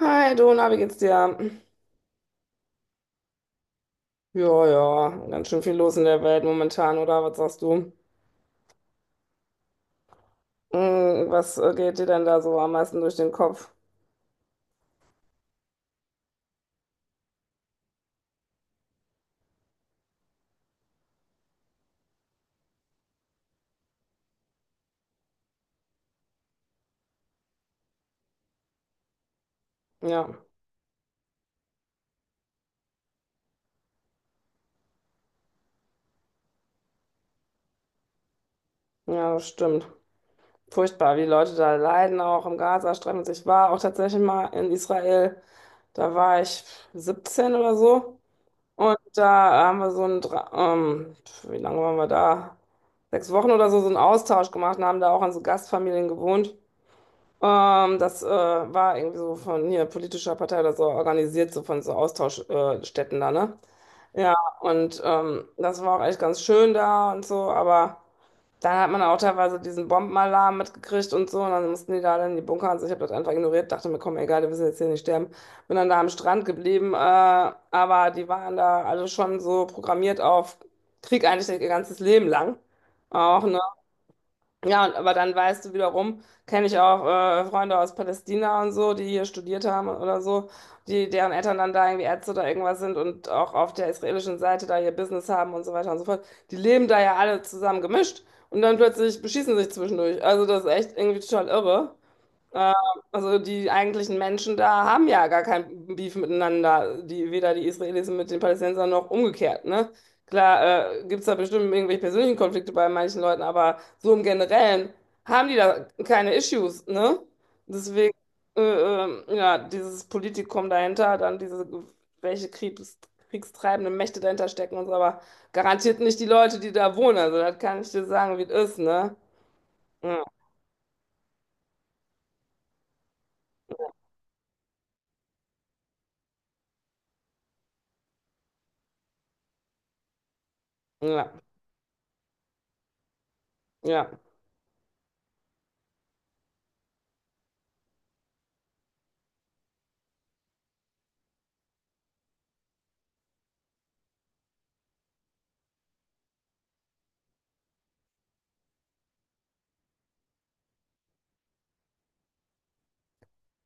Hi, Dona, wie geht's dir? Ja, ja, ganz schön viel los in der Welt momentan, oder? Was sagst du? Hm, was geht dir denn da so am meisten durch den Kopf? Ja, ja, das stimmt. Furchtbar, wie die Leute da leiden, auch im Gazastreifen. Ich war auch tatsächlich mal in Israel, da war ich 17 oder so. Und da haben wir so ein, wie lange waren wir da? 6 Wochen oder so, so einen Austausch gemacht und haben da auch an so Gastfamilien gewohnt. Das war irgendwie so von hier politischer Partei oder so organisiert, so von so Austauschstätten Städten da, ne? Ja, und das war auch echt ganz schön da und so, aber dann hat man auch teilweise diesen Bombenalarm mitgekriegt und so, und dann mussten die da dann in die Bunker und so. Ich habe das einfach ignoriert, dachte mir, komm, egal, wir müssen jetzt hier nicht sterben. Bin dann da am Strand geblieben, aber die waren da alle schon so programmiert auf Krieg eigentlich ihr ganzes Leben lang. Auch, ne? Ja, und- aber dann weißt du wiederum, kenne ich auch Freunde aus Palästina und so, die hier studiert haben oder so, die, deren Eltern dann da irgendwie Ärzte oder irgendwas sind und auch auf der israelischen Seite da ihr Business haben und so weiter und so fort. Die leben da ja alle zusammen gemischt und dann plötzlich beschießen sich zwischendurch. Also das ist echt irgendwie total irre. Äh, also die eigentlichen Menschen da haben ja gar kein Beef miteinander, die, weder die Israelis mit den Palästinensern noch umgekehrt, ne? Klar, gibt es da bestimmt irgendwelche persönlichen Konflikte bei manchen Leuten, aber so im Generellen haben die da keine Issues, ne? Deswegen, ja, dieses Politikum dahinter, dann diese, welche kriegstreibenden Mächte dahinter stecken und so, aber garantiert nicht die Leute, die da wohnen. Also das kann ich dir sagen, wie es ist, ne? Ja, ja, ja.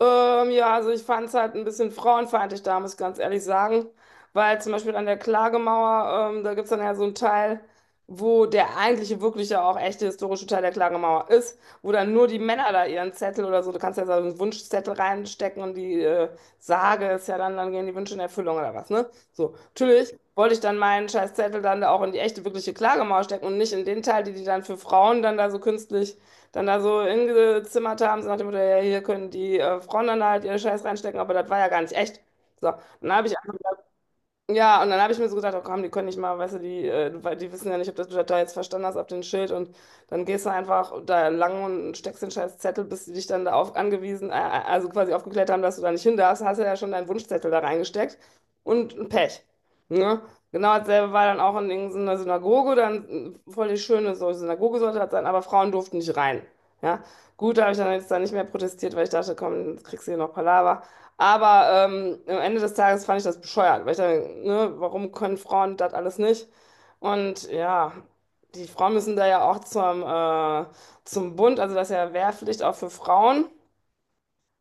Ja, also ich fand es halt ein bisschen frauenfeindlich da, muss ich ganz ehrlich sagen. Weil zum Beispiel an der Klagemauer, da gibt es dann ja so einen Teil, wo der eigentliche, wirkliche, auch echte historische Teil der Klagemauer ist, wo dann nur die Männer da ihren Zettel oder so, du kannst ja so einen Wunschzettel reinstecken und die Sage ist ja dann, dann gehen die Wünsche in Erfüllung oder was, ne? So, natürlich wollte ich dann meinen Scheißzettel dann da auch in die echte, wirkliche Klagemauer stecken und nicht in den Teil, die die dann für Frauen dann da so künstlich dann da so hingezimmert haben, so nach dem Motto, ja, hier können die Frauen dann halt ihre Scheiß reinstecken, aber das war ja gar nicht echt. So, dann habe ich einfach ja, und dann habe ich mir so gedacht, oh komm, die können nicht mal, weißt du, die, weil die wissen ja nicht, ob das du das da jetzt verstanden hast, ab dem Schild. Und dann gehst du einfach da lang und steckst den scheiß Zettel, bis die dich dann da auf, angewiesen, also quasi aufgeklärt haben, dass du da nicht hin darfst. Hast du ja schon deinen Wunschzettel da reingesteckt und Pech. Ne? Genau dasselbe war dann auch in irgendeiner Synagoge, dann voll die schöne so Synagoge sollte das sein, aber Frauen durften nicht rein. Ja, gut, da habe ich dann jetzt da nicht mehr protestiert, weil ich dachte, komm, jetzt kriegst du hier noch Palaver. Aber am Ende des Tages fand ich das bescheuert, weil ich dann, ne, warum können Frauen das alles nicht? Und ja, die Frauen müssen da ja auch zum, zum Bund, also das ist ja Wehrpflicht auch für Frauen.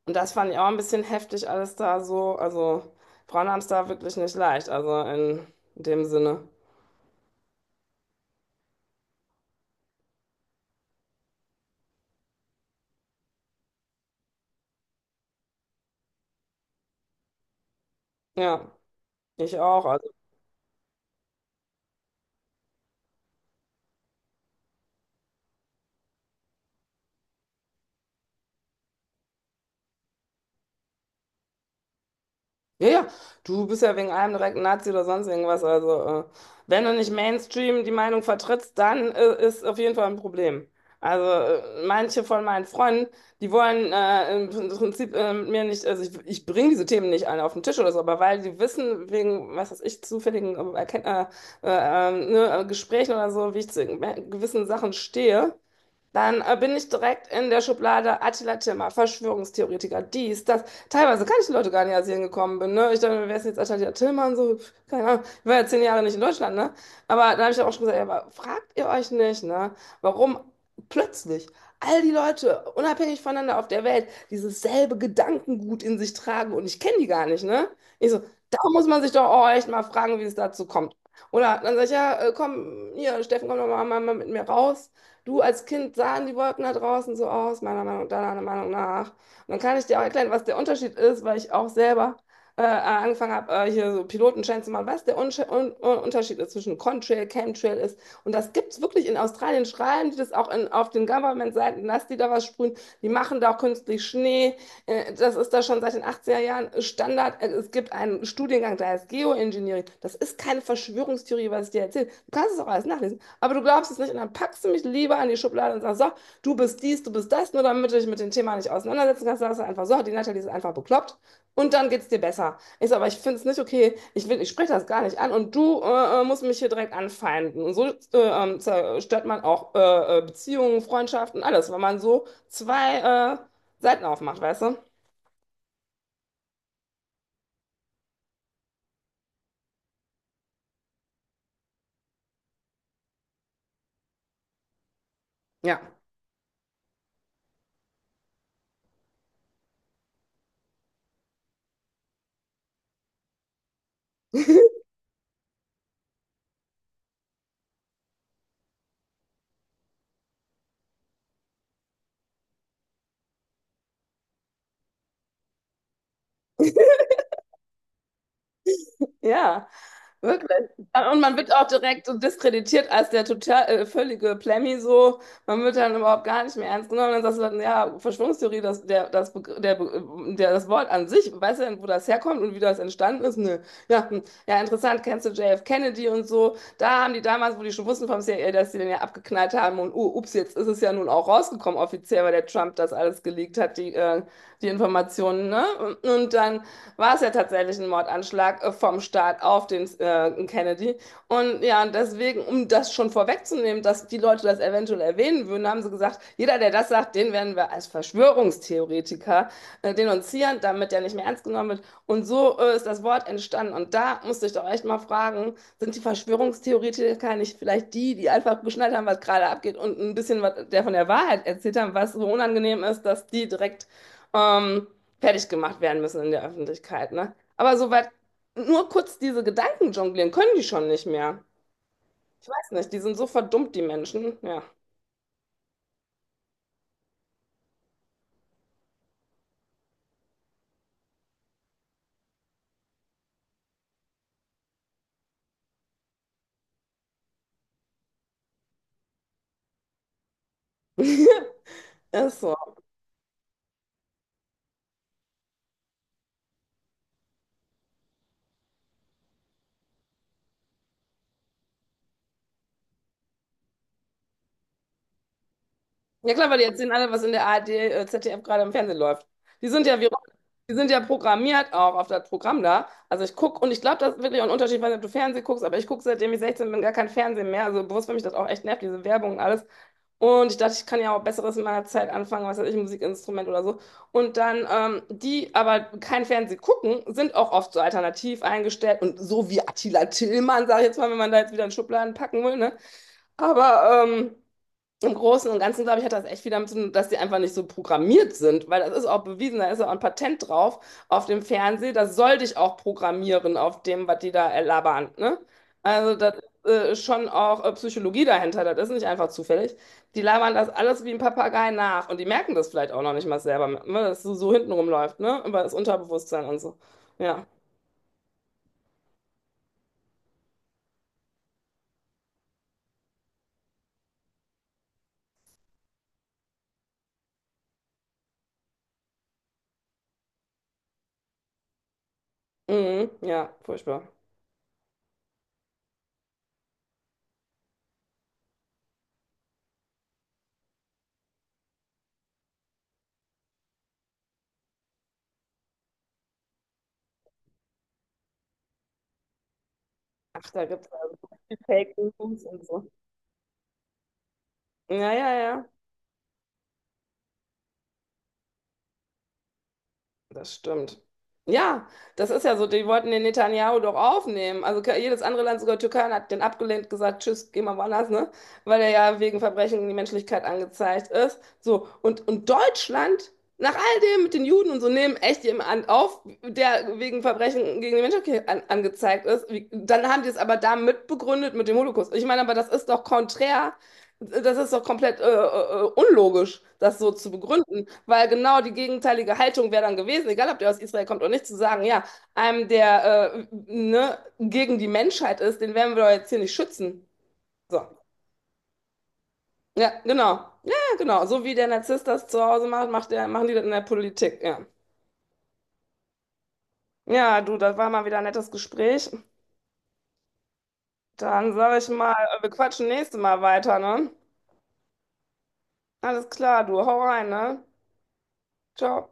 Und das fand ich auch ein bisschen heftig, alles da so. Also Frauen haben es da wirklich nicht leicht, also in dem Sinne. Ja, ich auch. Also. Ja, ja, du bist ja wegen allem direkt ein Nazi oder sonst irgendwas. Also, wenn du nicht Mainstream die Meinung vertrittst, dann ist auf jeden Fall ein Problem. Also, manche von meinen Freunden, die wollen im Prinzip mit mir nicht, also ich bringe diese Themen nicht alle auf den Tisch oder so, aber weil die wissen, wegen, was weiß ich, zufälligen äh, äh, ne, Gesprächen oder so, wie ich zu gewissen Sachen stehe, dann bin ich direkt in der Schublade Attila Timmer, Verschwörungstheoretiker, dies, das. Teilweise kann ich die Leute gar nicht, als ich hingekommen bin. Ne? Ich dachte, wer ist denn jetzt Attila Timmer und so? Pff, keine Ahnung. Ich war ja 10 Jahre nicht in Deutschland, ne? Aber dann habe ich auch schon gesagt, ja, aber fragt ihr euch nicht, ne? Warum plötzlich all die Leute, unabhängig voneinander auf der Welt, dieses selbe Gedankengut in sich tragen und ich kenne die gar nicht, ne? Ich so, da muss man sich doch auch echt mal fragen, wie es dazu kommt. Oder dann sag ich, ja, komm, hier, Steffen, komm doch mal, mal mit mir raus. Du als Kind sahen die Wolken da draußen so aus, meiner Meinung nach, deiner Meinung nach. Und dann kann ich dir auch erklären, was der Unterschied ist, weil ich auch selber angefangen habe, hier so Pilotenschein zu machen, was der Unsche- Un Un Unterschied ist zwischen Contrail, Chemtrail ist. Und das gibt es wirklich in Australien, schreiben die das auch in, auf den Government-Seiten, dass die da was sprühen. Die machen da auch künstlich Schnee. Das ist da schon seit den 80er Jahren Standard. Es gibt einen Studiengang, der heißt Geoengineering. Das ist keine Verschwörungstheorie, was ich dir erzähle. Du kannst es auch alles nachlesen. Aber du glaubst es nicht und dann packst du mich lieber in die Schublade und sagst, so, du bist dies, du bist das, nur damit du dich mit dem Thema nicht auseinandersetzen kannst, sagst du einfach so, die Natalie ist einfach bekloppt und dann geht's dir besser. Ich so, aber ich finde es nicht okay, ich will, ich spreche das gar nicht an und du musst mich hier direkt anfeinden. Und so zerstört man auch Beziehungen, Freundschaften, alles, weil man so zwei Seiten aufmacht, weißt du? Ja. Ja, wirklich. Und man wird auch direkt so diskreditiert als der total völlige Plemmi so. Man wird dann überhaupt gar nicht mehr ernst genommen. Dann sagst du dann, ja, Verschwörungstheorie, das, der, das, das Wort an sich, weißt du denn, wo das herkommt und wie das entstanden ist? Nö. Ja, hm. Ja, interessant, kennst du JF Kennedy und so. Da haben die damals, wo die schon wussten vom CIA, dass die den ja abgeknallt haben und oh, ups, jetzt ist es ja nun auch rausgekommen offiziell, weil der Trump das alles geleakt hat, die, die Informationen, ne? Und dann war es ja tatsächlich ein Mordanschlag vom Staat auf den Kennedy. Und ja, und deswegen, um das schon vorwegzunehmen, dass die Leute das eventuell erwähnen würden, haben sie gesagt, jeder, der das sagt, den werden wir als Verschwörungstheoretiker denunzieren, damit der nicht mehr ernst genommen wird. Und so ist das Wort entstanden. Und da musste ich doch echt mal fragen, sind die Verschwörungstheoretiker nicht vielleicht die, die einfach geschnallt haben, was gerade abgeht und ein bisschen was der von der Wahrheit erzählt haben, was so unangenehm ist, dass die direkt ähm, fertig gemacht werden müssen in der Öffentlichkeit, ne? Aber soweit nur kurz diese Gedanken jonglieren können die schon nicht mehr. Ich weiß nicht, die sind so verdummt, die Menschen. Ja. Ist so. Ja klar, weil die erzählen alle, was in der ARD, ZDF gerade im Fernsehen läuft. Die sind ja wie, die sind ja programmiert auch auf das Programm da. Also ich gucke und ich glaube, das ist wirklich auch ein Unterschied, weil du Fernsehen guckst, aber ich gucke, seitdem ich 16 bin, gar kein Fernsehen mehr. Also bewusst finde ich das auch echt nervig, diese Werbung und alles. Und ich dachte, ich kann ja auch Besseres in meiner Zeit anfangen, was weiß ich, ein Musikinstrument oder so. Und dann, die aber kein Fernsehen gucken, sind auch oft so alternativ eingestellt und so wie Attila Tillmann, sage ich jetzt mal, wenn man da jetzt wieder in Schubladen packen will, ne? Aber im Großen und Ganzen, glaube ich, hat das echt viel damit zu tun, dass die einfach nicht so programmiert sind, weil das ist auch bewiesen, da ist ja auch ein Patent drauf auf dem Fernseher, das soll dich auch programmieren auf dem, was die da labern, ne? Also das ist schon auch Psychologie dahinter, das ist nicht einfach zufällig. Die labern das alles wie ein Papagei nach und die merken das vielleicht auch noch nicht mal selber, ne? Dass es so, so hinten rumläuft, ne? Über das Unterbewusstsein und so. Ja, mhm, ja, furchtbar. Ach, da gibt es also die Fake News und so. Ja, ja, ja. Das stimmt. Ja, das ist ja so, die wollten den Netanyahu doch aufnehmen. Also ke- jedes andere Land, sogar Türkei, hat den abgelehnt, gesagt, tschüss, geh mal woanders, ne? Weil er ja wegen Verbrechen gegen die Menschlichkeit angezeigt ist. So, und Deutschland, nach all dem mit den Juden und so, nehmen echt jemanden auf, der wegen Verbrechen gegen die Menschlichkeit an, angezeigt ist. Wie, dann haben die es aber da mitbegründet mit dem Holocaust. Ich meine, aber das ist doch konträr, das ist doch komplett unlogisch, das so zu begründen. Weil genau die gegenteilige Haltung wäre dann gewesen, egal ob der aus Israel kommt oder nicht, zu sagen, ja, einem, der ne, gegen die Menschheit ist, den werden wir doch jetzt hier nicht schützen. So. Ja, genau. Ja, genau. So wie der Narzisst das zu Hause macht, macht der, machen die das in der Politik. Ja. Ja, du, das war mal wieder ein nettes Gespräch. Dann sage ich mal, wir quatschen nächstes Mal weiter, ne? Alles klar, du, hau rein, ne? Ciao.